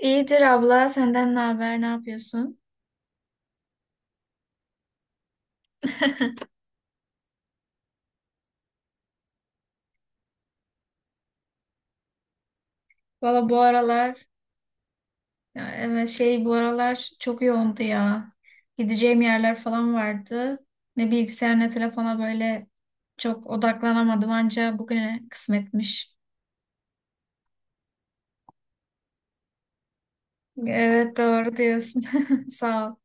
İyidir abla, senden ne haber, ne yapıyorsun? Valla, bu aralar, ya evet, bu aralar çok yoğundu ya. Gideceğim yerler falan vardı. Ne bilgisayar ne telefona böyle çok odaklanamadım, anca bugüne kısmetmiş. Evet, doğru diyorsun. Sağ ol.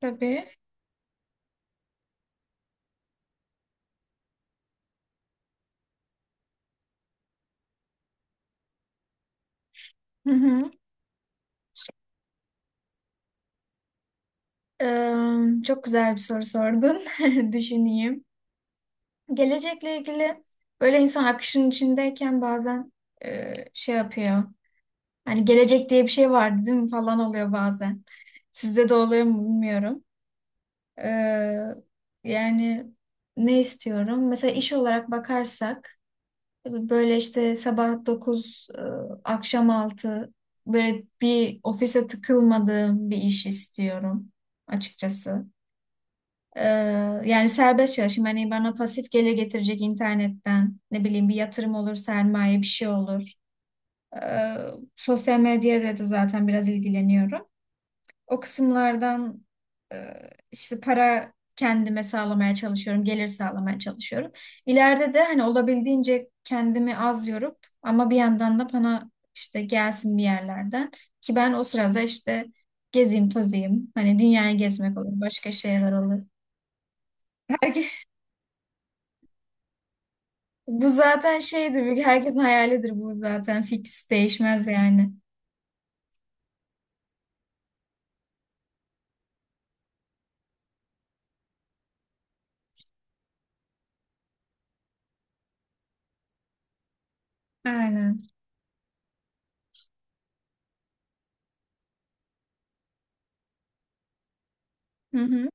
Tabii. Hı hı. Çok güzel bir soru sordun. Düşüneyim. Gelecekle ilgili böyle, insan akışın içindeyken bazen şey yapıyor. Hani gelecek diye bir şey vardı değil mi falan oluyor bazen. Sizde de oluyor mu bilmiyorum. Ee, yani ne istiyorum? Mesela iş olarak bakarsak böyle işte sabah 9, akşam 6, böyle bir ofise tıkılmadığım bir iş istiyorum açıkçası. Ee, yani serbest çalışayım. Hani bana pasif gelir getirecek internetten. Ne bileyim, bir yatırım olur, sermaye bir şey olur. Ee, sosyal medyada da zaten biraz ilgileniyorum. O kısımlardan e, işte para kendime sağlamaya çalışıyorum, gelir sağlamaya çalışıyorum. İleride de hani olabildiğince kendimi az yorup ama bir yandan da bana işte gelsin bir yerlerden, ki ben o sırada işte gezeyim, tozayım. Hani dünyayı gezmek olur, başka şeyler olur. Herke- bu zaten şeydir, herkesin hayalidir bu zaten. Fix değişmez yani. Aynen. Hı hı.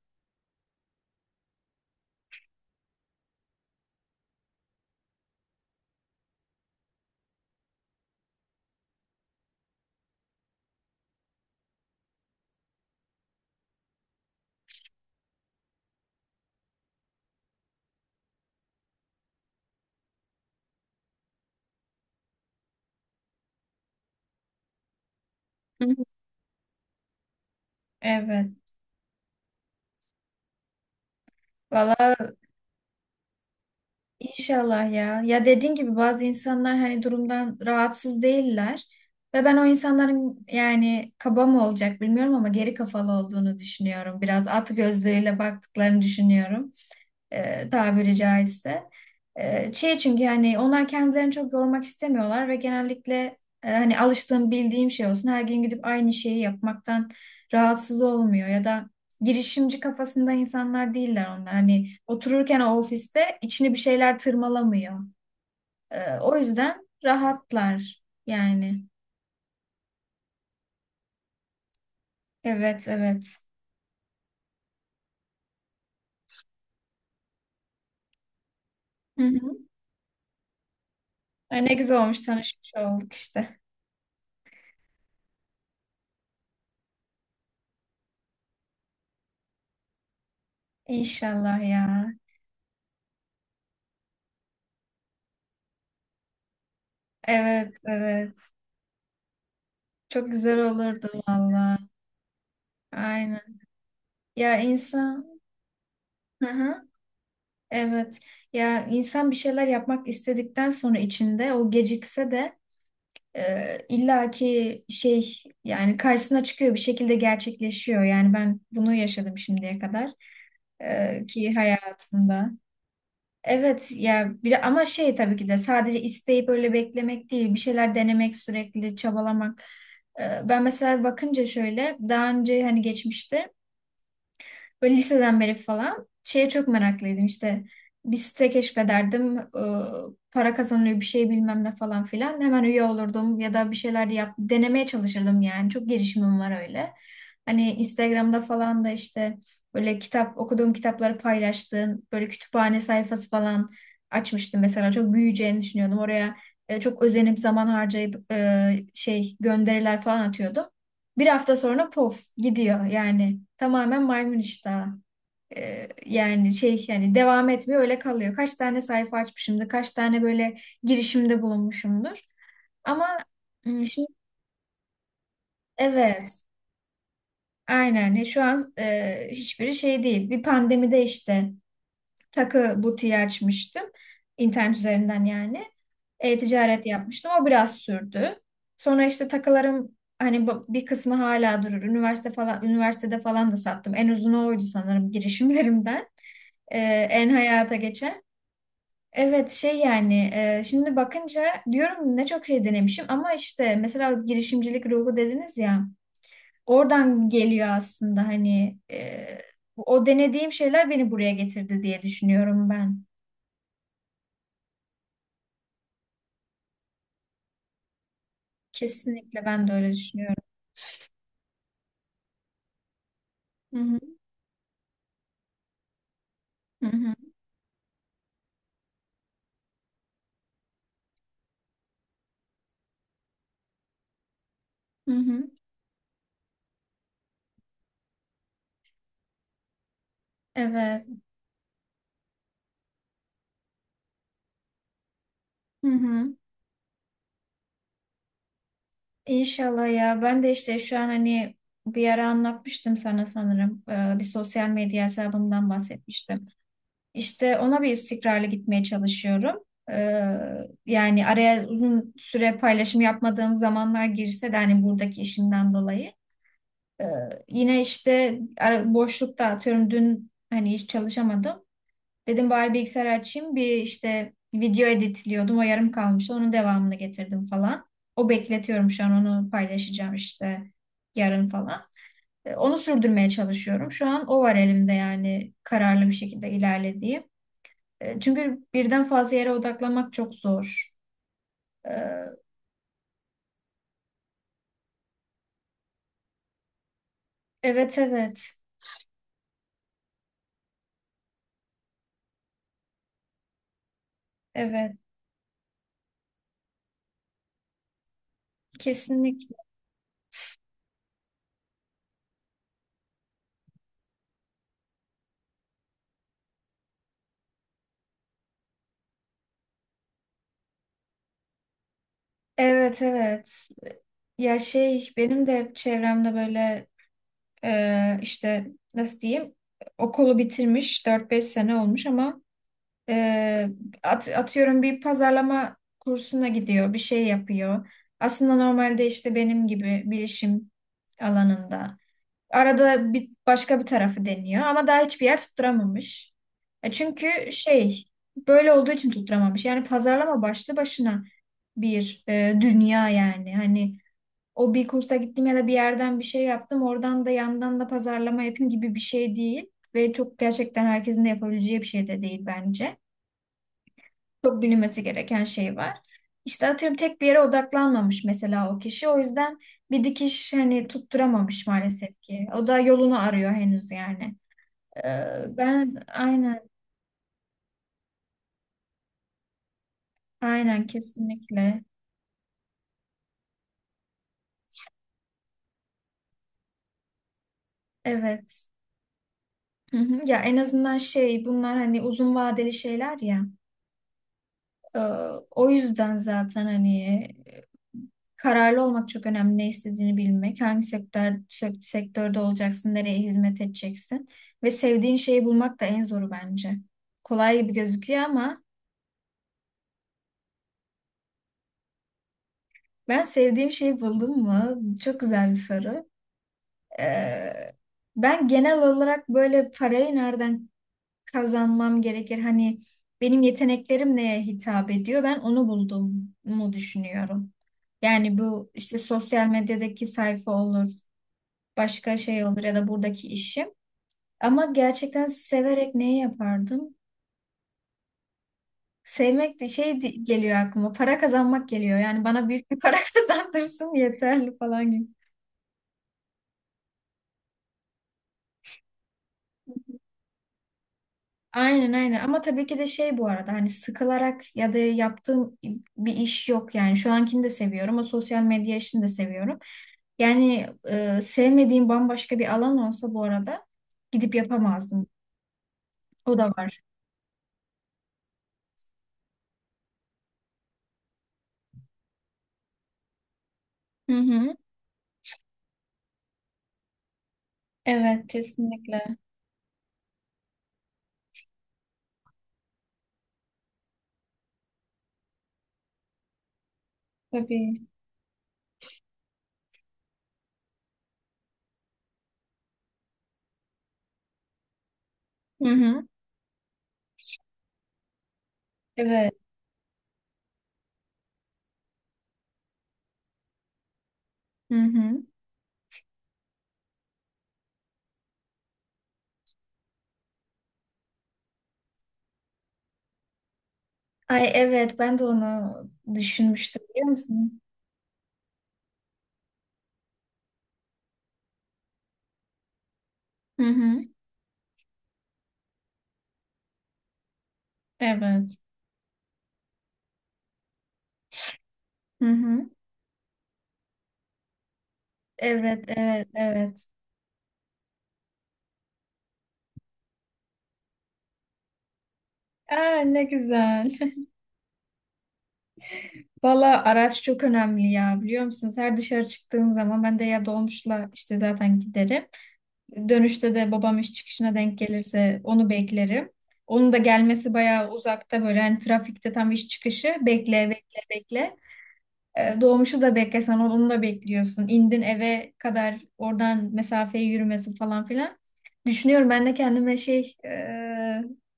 Hı hı. Evet. Valla, İnşallah ya. Ya dediğin gibi bazı insanlar hani durumdan rahatsız değiller. Ve ben o insanların, yani kaba mı olacak bilmiyorum ama, geri kafalı olduğunu düşünüyorum. Biraz at gözlüğüyle baktıklarını düşünüyorum, tabiri caizse. Şey çünkü yani onlar kendilerini çok yormak istemiyorlar ve genellikle hani alıştığım bildiğim şey olsun, her gün gidip aynı şeyi yapmaktan rahatsız olmuyor ya da girişimci kafasında insanlar değiller onlar. Hani otururken o ofiste içini bir şeyler tırmalamıyor. O yüzden rahatlar yani. Evet evet. Hı hı. Ay, ne güzel olmuş tanışmış olduk işte. İnşallah ya. Evet evet. Çok güzel olurdu valla. Aynen. Ya insan, hı hı, evet. Ya insan bir şeyler yapmak istedikten sonra, içinde o gecikse de illaki şey, yani karşısına çıkıyor bir şekilde, gerçekleşiyor. Yani ben bunu yaşadım şimdiye kadar ki hayatımda. Evet ya, bir ama şey tabii ki de sadece isteyip öyle beklemek değil, bir şeyler denemek, sürekli çabalamak. Ben mesela bakınca şöyle daha önce, hani geçmişte böyle liseden beri falan şeye çok meraklıydım işte. Bir site keşfederdim, para kazanılıyor bir şey bilmem ne falan filan. Hemen üye olurdum ya da bir şeyler yap, denemeye çalışırdım yani. Çok girişimim var öyle. Hani Instagram'da falan da işte böyle kitap okuduğum, kitapları paylaştığım böyle kütüphane sayfası falan açmıştım mesela. Çok büyüyeceğini düşünüyordum. Oraya çok özenip zaman harcayıp şey gönderiler falan atıyordum. Bir hafta sonra pof gidiyor, yani tamamen maymun iştahı. Yani şey, yani devam etmiyor, öyle kalıyor. Kaç tane sayfa açmışımdır, kaç tane böyle girişimde bulunmuşumdur. Ama şimdi, evet aynen. Şu an hiçbiri şey değil. Bir pandemide işte takı butiği açmıştım. İnternet üzerinden yani. E-ticaret yapmıştım. O biraz sürdü. Sonra işte takılarım hani bir kısmı hala durur. Üniversite falan, üniversitede falan da sattım. En uzunu oydu sanırım girişimlerimden. Ee, en hayata geçen. Evet, şey yani şimdi bakınca diyorum ne çok şey denemişim, ama işte mesela girişimcilik ruhu dediniz ya, oradan geliyor aslında. Hani o denediğim şeyler beni buraya getirdi diye düşünüyorum ben. Kesinlikle ben de öyle düşünüyorum. Hı hı, hı hı, hı hı. Evet. Hı hı. İnşallah ya. Ben de işte şu an hani bir ara anlatmıştım sana sanırım. Bir sosyal medya hesabımdan bahsetmiştim. İşte ona bir istikrarlı gitmeye çalışıyorum. Ee, yani araya uzun süre paylaşım yapmadığım zamanlar girse de, hani buradaki işimden dolayı. Ee, yine işte boşlukta, atıyorum dün hani hiç çalışamadım. Dedim bari bilgisayar açayım, bir işte video editliyordum, o yarım kalmıştı, onun devamını getirdim falan. O bekletiyorum şu an, onu paylaşacağım işte yarın falan. Onu sürdürmeye çalışıyorum. Şu an o var elimde, yani kararlı bir şekilde ilerlediğim. Çünkü birden fazla yere odaklanmak çok zor. E, Evet evet evet, kesinlikle, evet evet. Ya şey benim de hep çevremde böyle işte, nasıl diyeyim, okulu bitirmiş 4-5 sene olmuş, ama e, atıyorum bir pazarlama kursuna gidiyor, bir şey yapıyor. Aslında normalde işte benim gibi bilişim alanında. Arada bir başka bir tarafı deniyor ama daha hiçbir yer tutturamamış. E çünkü şey, böyle olduğu için tutturamamış. Yani pazarlama başlı başına bir dünya yani. Hani o bir kursa gittim ya da bir yerden bir şey yaptım, oradan da yandan da pazarlama yapayım gibi bir şey değil. Ve çok gerçekten herkesin de yapabileceği bir şey de değil bence. Çok bilinmesi gereken şey var. İşte atıyorum tek bir yere odaklanmamış mesela o kişi. O yüzden bir dikiş hani tutturamamış maalesef ki. O da yolunu arıyor henüz yani. Ben aynen, aynen kesinlikle. Evet. Hı hı. Ya en azından şey, bunlar hani uzun vadeli şeyler ya. Ee, o yüzden zaten hani e, kararlı olmak çok önemli. Ne istediğini bilmek, hangi sektörde olacaksın, nereye hizmet edeceksin ve sevdiğin şeyi bulmak da en zoru bence. Kolay gibi gözüküyor, ama ben sevdiğim şeyi buldum mu? Çok güzel bir soru. Ee, ben genel olarak böyle parayı nereden kazanmam gerekir. Hani benim yeteneklerim neye hitap ediyor? Ben onu buldum mu düşünüyorum. Yani bu işte sosyal medyadaki sayfa olur, başka şey olur, ya da buradaki işim. Ama gerçekten severek neyi yapardım? Sevmek de geliyor aklıma. Para kazanmak geliyor. Yani bana büyük bir para kazandırsın yeterli falan gibi. Aynen, aynen, ama tabii ki de şey, bu arada hani sıkılarak ya da yaptığım bir iş yok yani. Şu ankini de seviyorum, o sosyal medya işini de seviyorum. Yani sevmediğim bambaşka bir alan olsa, bu arada gidip yapamazdım. O da var. Hı hı. Evet, kesinlikle. Tabii. Hı hı. Evet. Hı hı. Ay evet, ben de onu düşünmüştüm biliyor musun? Hı hı. Evet. Hı hı. Evet evet evet. Aa, ne güzel. Valla, araç çok önemli ya, biliyor musunuz? Her dışarı çıktığım zaman ben de ya dolmuşla işte zaten giderim. Dönüşte de babam iş çıkışına denk gelirse onu beklerim. Onun da gelmesi bayağı uzakta, böyle hani trafikte tam iş çıkışı, bekle bekle bekle. Doğmuşu da beklesen, onu da bekliyorsun. İndin eve kadar, oradan mesafeyi yürümesi falan filan. Düşünüyorum, ben de kendime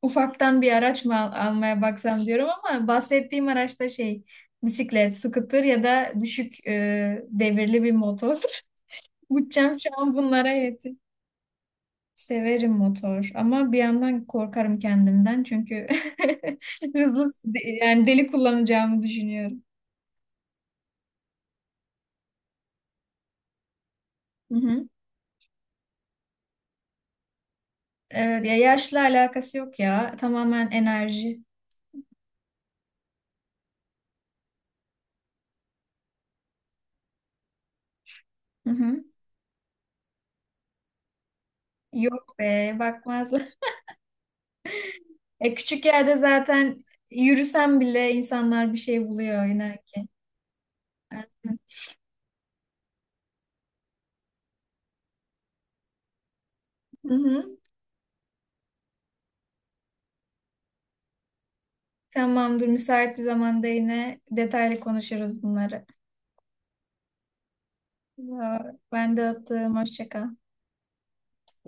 ufaktan bir araç mı almaya baksam diyorum, ama bahsettiğim araçta bisiklet, scooter ya da düşük devirli bir motor. Bütçem şu an bunlara yetiyor. Severim motor, ama bir yandan korkarım kendimden, çünkü hızlı, yani deli kullanacağımı düşünüyorum. Hı hı. Evet, ya yaşla alakası yok ya. Tamamen enerji. Hı hı. Yok be, bakmazlar. Küçük yerde zaten yürüsen bile insanlar bir şey buluyor inan ki. Aynen. Hı hı. Tamamdır, müsait bir zamanda yine detaylı konuşuruz bunları. Ya, ben de öptüm, hoşça kal.